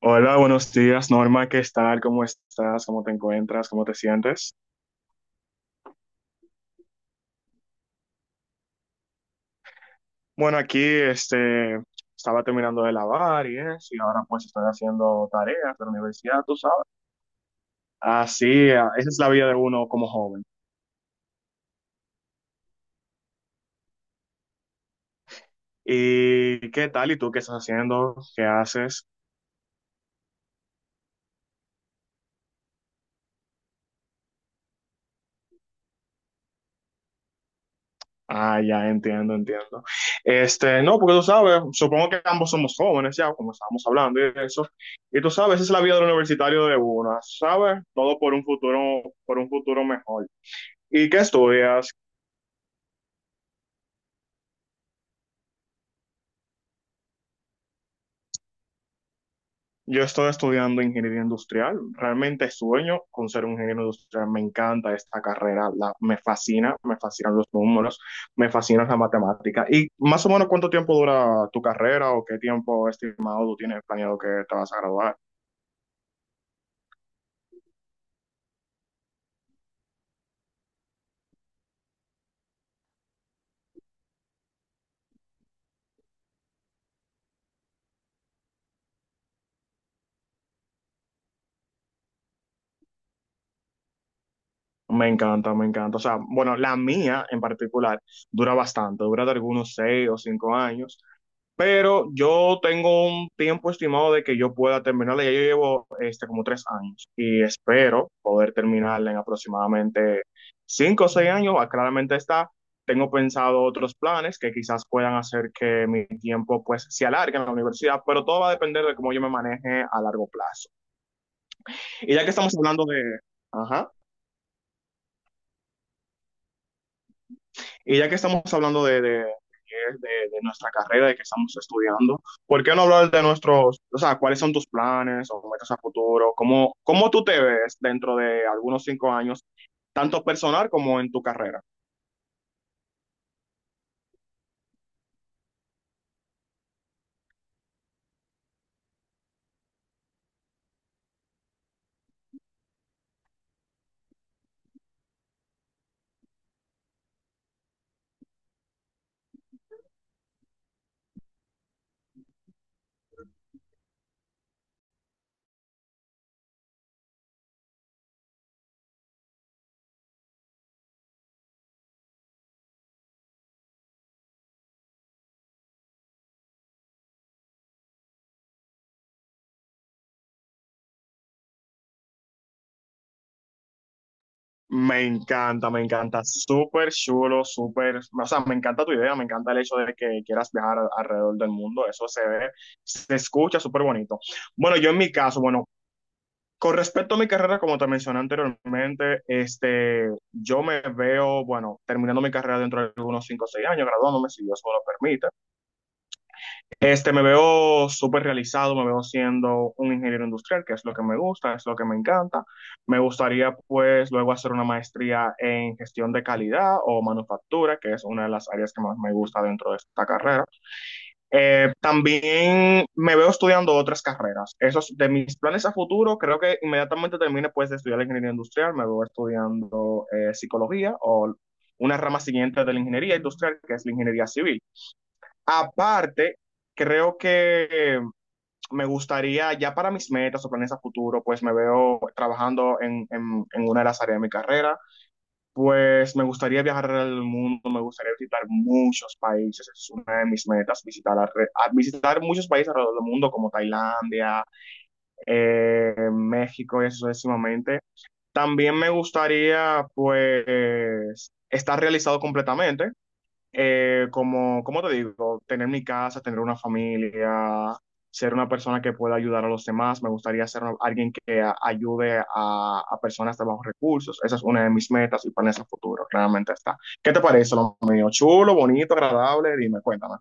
Hola, buenos días, Norma, ¿qué tal? ¿Cómo estás? ¿Cómo te encuentras? ¿Cómo te sientes? Bueno, aquí estaba terminando de lavar y eso, y ahora pues estoy haciendo tareas de la universidad, tú sabes. Así, ah, esa es la vida de uno como joven. ¿Y qué tal? ¿Y tú qué estás haciendo? ¿Qué haces? Ah, ya entiendo, entiendo. No, porque tú sabes, supongo que ambos somos jóvenes ya, como estábamos hablando y eso. Y tú sabes, esa es la vida del universitario de uno, ¿sabes? Todo por un futuro mejor. ¿Y qué estudias? Yo estoy estudiando ingeniería industrial. Realmente sueño con ser un ingeniero industrial. Me encanta esta carrera, me fascina, me fascinan los números, me fascina la matemática. ¿Y más o menos cuánto tiempo dura tu carrera o qué tiempo estimado tú tienes planeado que te vas a graduar? Me encanta, me encanta. O sea, bueno, la mía en particular dura bastante, dura de algunos 6 o 5 años. Pero yo tengo un tiempo estimado de que yo pueda terminarla. Ya yo llevo como 3 años y espero poder terminarla en aproximadamente 5 o 6 años. Ah, claramente está. Tengo pensado otros planes que quizás puedan hacer que mi tiempo pues se alargue en la universidad, pero todo va a depender de cómo yo me maneje a largo plazo. Y ya que estamos hablando de. Ajá. Y ya que estamos hablando de nuestra carrera, de que estamos estudiando, ¿por qué no hablar de nuestros, o sea, cuáles son tus planes o metas a futuro? ¿Cómo, cómo tú te ves dentro de algunos 5 años, tanto personal como en tu carrera? Me encanta, súper chulo, súper, o sea, me encanta tu idea, me encanta el hecho de que quieras viajar alrededor del mundo, eso se ve, se escucha súper bonito. Bueno, yo en mi caso, bueno, con respecto a mi carrera, como te mencioné anteriormente, yo me veo, bueno, terminando mi carrera dentro de unos 5, o 6 años, graduándome, si Dios me lo permite. Me veo súper realizado, me veo siendo un ingeniero industrial, que es lo que me gusta, es lo que me encanta. Me gustaría, pues, luego hacer una maestría en gestión de calidad o manufactura, que es una de las áreas que más me gusta dentro de esta carrera. También me veo estudiando otras carreras. Esos de mis planes a futuro, creo que inmediatamente termine, pues, de estudiar la ingeniería industrial, me veo estudiando psicología o una rama siguiente de la ingeniería industrial, que es la ingeniería civil. Aparte, creo que me gustaría, ya para mis metas o planes a futuro, pues me veo trabajando en una de las áreas de mi carrera, pues me gustaría viajar al mundo, me gustaría visitar muchos países, es una de mis metas, visitar, visitar muchos países alrededor del mundo, como Tailandia, México y eso sucesivamente. También me gustaría, pues, estar realizado completamente como, como te digo, tener mi casa, tener una familia, ser una persona que pueda ayudar a los demás. Me gustaría ser alguien que ayude a personas de bajos recursos. Esa es una de mis metas y planes a futuro, claramente está. ¿Qué te parece lo mío? Chulo, bonito, agradable, dime, cuéntame.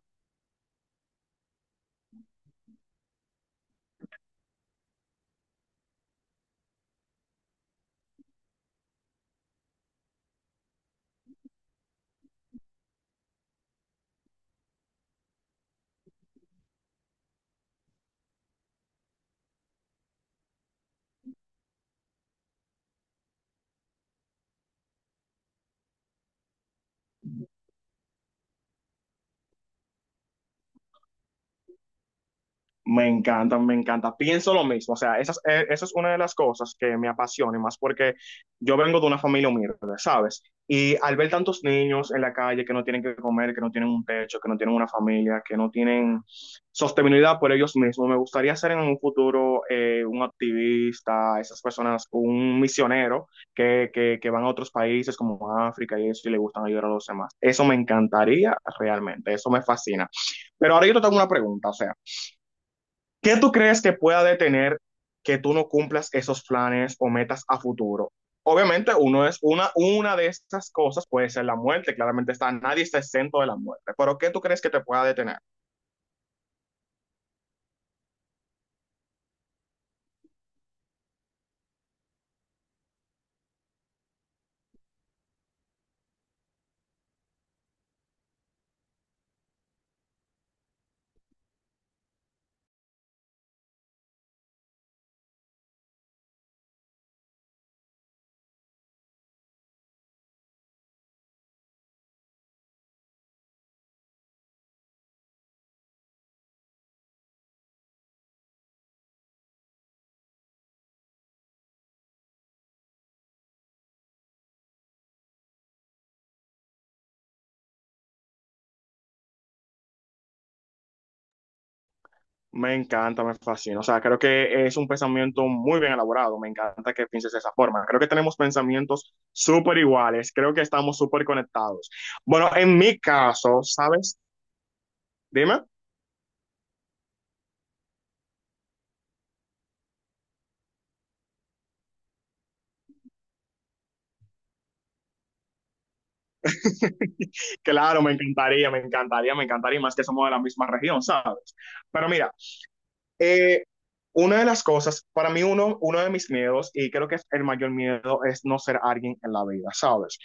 Me encanta, me encanta. Pienso lo mismo. O sea, esa, esa es una de las cosas que me apasiona, y más porque yo vengo de una familia humilde, ¿sabes? Y al ver tantos niños en la calle que no tienen que comer, que no tienen un techo, que no tienen una familia, que no tienen sostenibilidad por ellos mismos, me gustaría ser en un futuro un activista, esas personas, un misionero que van a otros países como África y eso y le gustan ayudar a los demás. Eso me encantaría realmente, eso me fascina. Pero ahora yo te tengo una pregunta, o sea. ¿Qué tú crees que pueda detener que tú no cumplas esos planes o metas a futuro? Obviamente, uno es una de esas cosas puede ser la muerte. Claramente está, nadie está exento de la muerte. Pero ¿qué tú crees que te pueda detener? Me encanta, me fascina. O sea, creo que es un pensamiento muy bien elaborado. Me encanta que pienses de esa forma. Creo que tenemos pensamientos súper iguales. Creo que estamos súper conectados. Bueno, en mi caso, ¿sabes? Dime. Claro, me encantaría, me encantaría, me encantaría, y más que somos de la misma región, ¿sabes? Pero mira, eh, una de las cosas, para mí uno de mis miedos, y creo que es el mayor miedo, es no ser alguien en la vida, ¿sabes?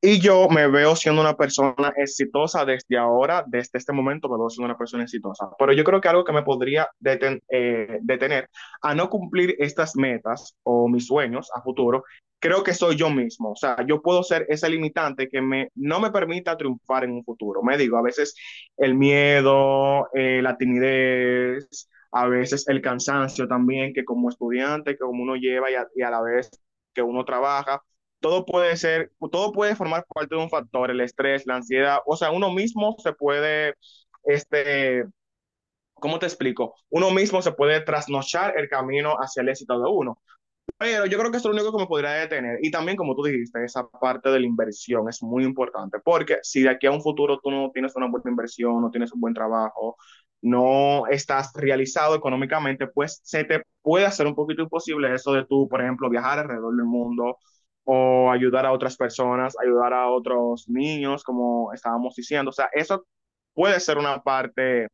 Y yo me veo siendo una persona exitosa desde ahora, desde este momento me veo siendo una persona exitosa. Pero yo creo que algo que me podría detener a no cumplir estas metas o mis sueños a futuro, creo que soy yo mismo. O sea, yo puedo ser ese limitante que me, no me permita triunfar en un futuro. Me digo, a veces el miedo, la timidez, a veces el cansancio también, que como estudiante, que como uno lleva y a la vez que uno trabaja todo puede ser, todo puede formar parte de un factor, el estrés, la ansiedad, o sea, uno mismo se puede, este, ¿cómo te explico? Uno mismo se puede trasnochar el camino hacia el éxito de uno. Pero yo creo que eso es lo único que me podría detener. Y también, como tú dijiste, esa parte de la inversión es muy importante, porque si de aquí a un futuro tú no tienes una buena inversión, no tienes un buen trabajo, no estás realizado económicamente, pues se te puede hacer un poquito imposible eso de tú, por ejemplo, viajar alrededor del mundo o ayudar a otras personas, ayudar a otros niños, como estábamos diciendo. O sea, eso puede ser una parte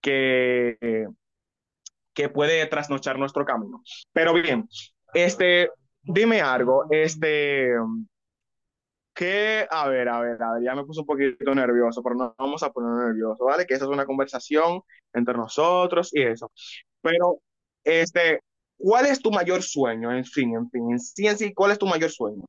que... eh, que puede trasnochar nuestro camino. Pero bien, este, dime algo, que, a ver, a ver, a ver, ya me puse un poquito nervioso, pero no vamos a poner nervioso, ¿vale? Que esa es una conversación entre nosotros y eso. Pero, este, ¿cuál es tu mayor sueño? En fin, en fin, en sí, ¿cuál es tu mayor sueño?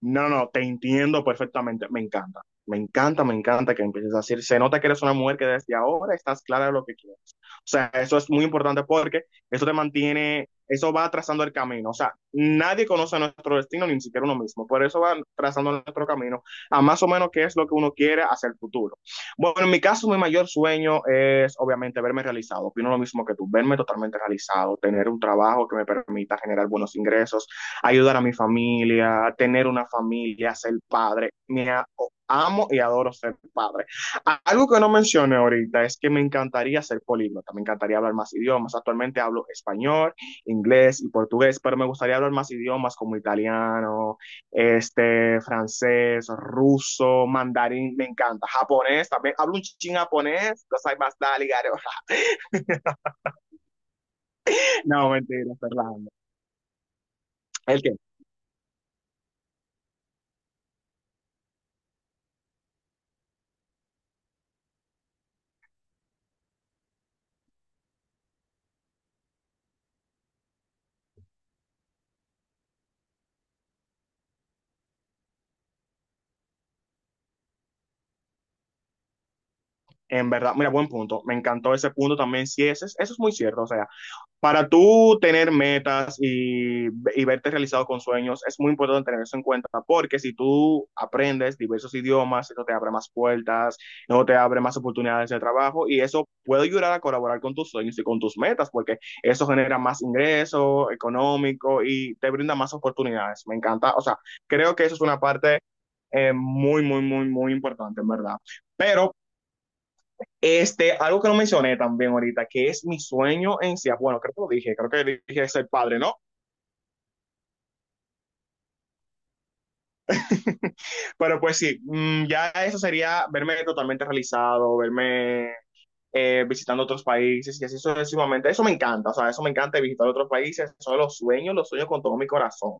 No, no, te entiendo perfectamente. Me encanta, me encanta, me encanta que empieces a decir, se nota que eres una mujer que desde ahora estás clara de lo que quieres. O sea, eso es muy importante porque eso te mantiene, eso va trazando el camino. O sea, nadie conoce nuestro destino, ni siquiera uno mismo. Por eso va trazando nuestro camino a más o menos qué es lo que uno quiere hacia el futuro. Bueno, en mi caso, mi mayor sueño es obviamente verme realizado. Opino lo mismo que tú, verme totalmente realizado, tener un trabajo que me permita generar buenos ingresos, ayudar a mi familia, tener una familia, ser padre. Amo y adoro ser padre. Algo que no mencioné ahorita es que me encantaría ser políglota, me encantaría hablar más idiomas. Actualmente hablo español, inglés y portugués, pero me gustaría hablar más idiomas como italiano, francés, ruso, mandarín, me encanta, japonés, también hablo un ching japonés, no soy más dale, garo. No, mentira, Fernando. ¿El qué? En verdad, mira, buen punto. Me encantó ese punto también. Sí, ese, eso es muy cierto. O sea, para tú tener metas y verte realizado con sueños, es muy importante tener eso en cuenta, porque si tú aprendes diversos idiomas, eso te abre más puertas, eso te abre más oportunidades de trabajo y eso puede ayudar a colaborar con tus sueños y con tus metas, porque eso genera más ingreso económico y te brinda más oportunidades. Me encanta. O sea, creo que eso es una parte muy, muy, muy, muy importante, en verdad. Pero algo que no mencioné también ahorita, que es mi sueño en sí. Bueno, creo que lo dije, creo que dije ser padre, ¿no? Pero pues sí, ya eso sería verme totalmente realizado, verme visitando otros países y así sucesivamente. Eso me encanta, o sea, eso me encanta visitar otros países. Son los sueños con todo mi corazón.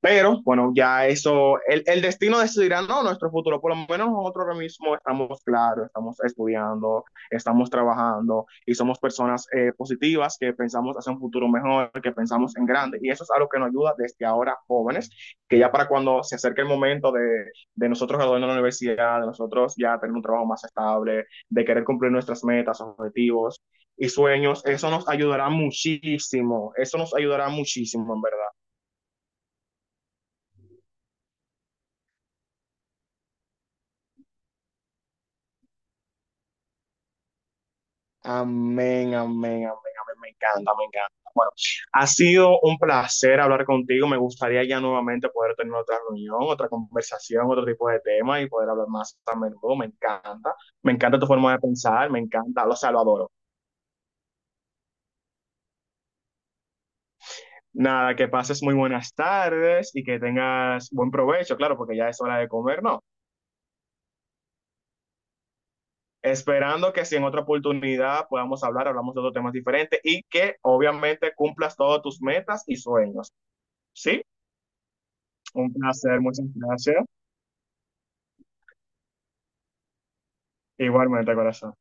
Pero bueno, ya eso, el destino decidirá no nuestro futuro, por lo menos nosotros ahora mismo estamos claros, estamos estudiando, estamos trabajando y somos personas positivas que pensamos hacia un futuro mejor, que pensamos en grande. Y eso es algo que nos ayuda desde ahora jóvenes, que ya para cuando se acerque el momento de nosotros graduarnos de la universidad, de nosotros ya tener un trabajo más estable, de querer cumplir nuestras metas, objetivos y sueños, eso nos ayudará muchísimo, eso nos ayudará muchísimo en verdad. Amén, amén, amén, amén. Me encanta, me encanta. Bueno, ha sido un placer hablar contigo. Me gustaría ya nuevamente poder tener otra reunión, otra conversación, otro tipo de tema y poder hablar más a menudo. Me encanta. Me encanta tu forma de pensar, me encanta. O sea, lo adoro. Nada, que pases muy buenas tardes y que tengas buen provecho, claro, porque ya es hora de comer, ¿no? Esperando que si en otra oportunidad podamos hablar, hablamos de otros temas diferentes y que obviamente cumplas todos tus metas y sueños, ¿sí? Un placer, muchas gracias. Igualmente, corazón.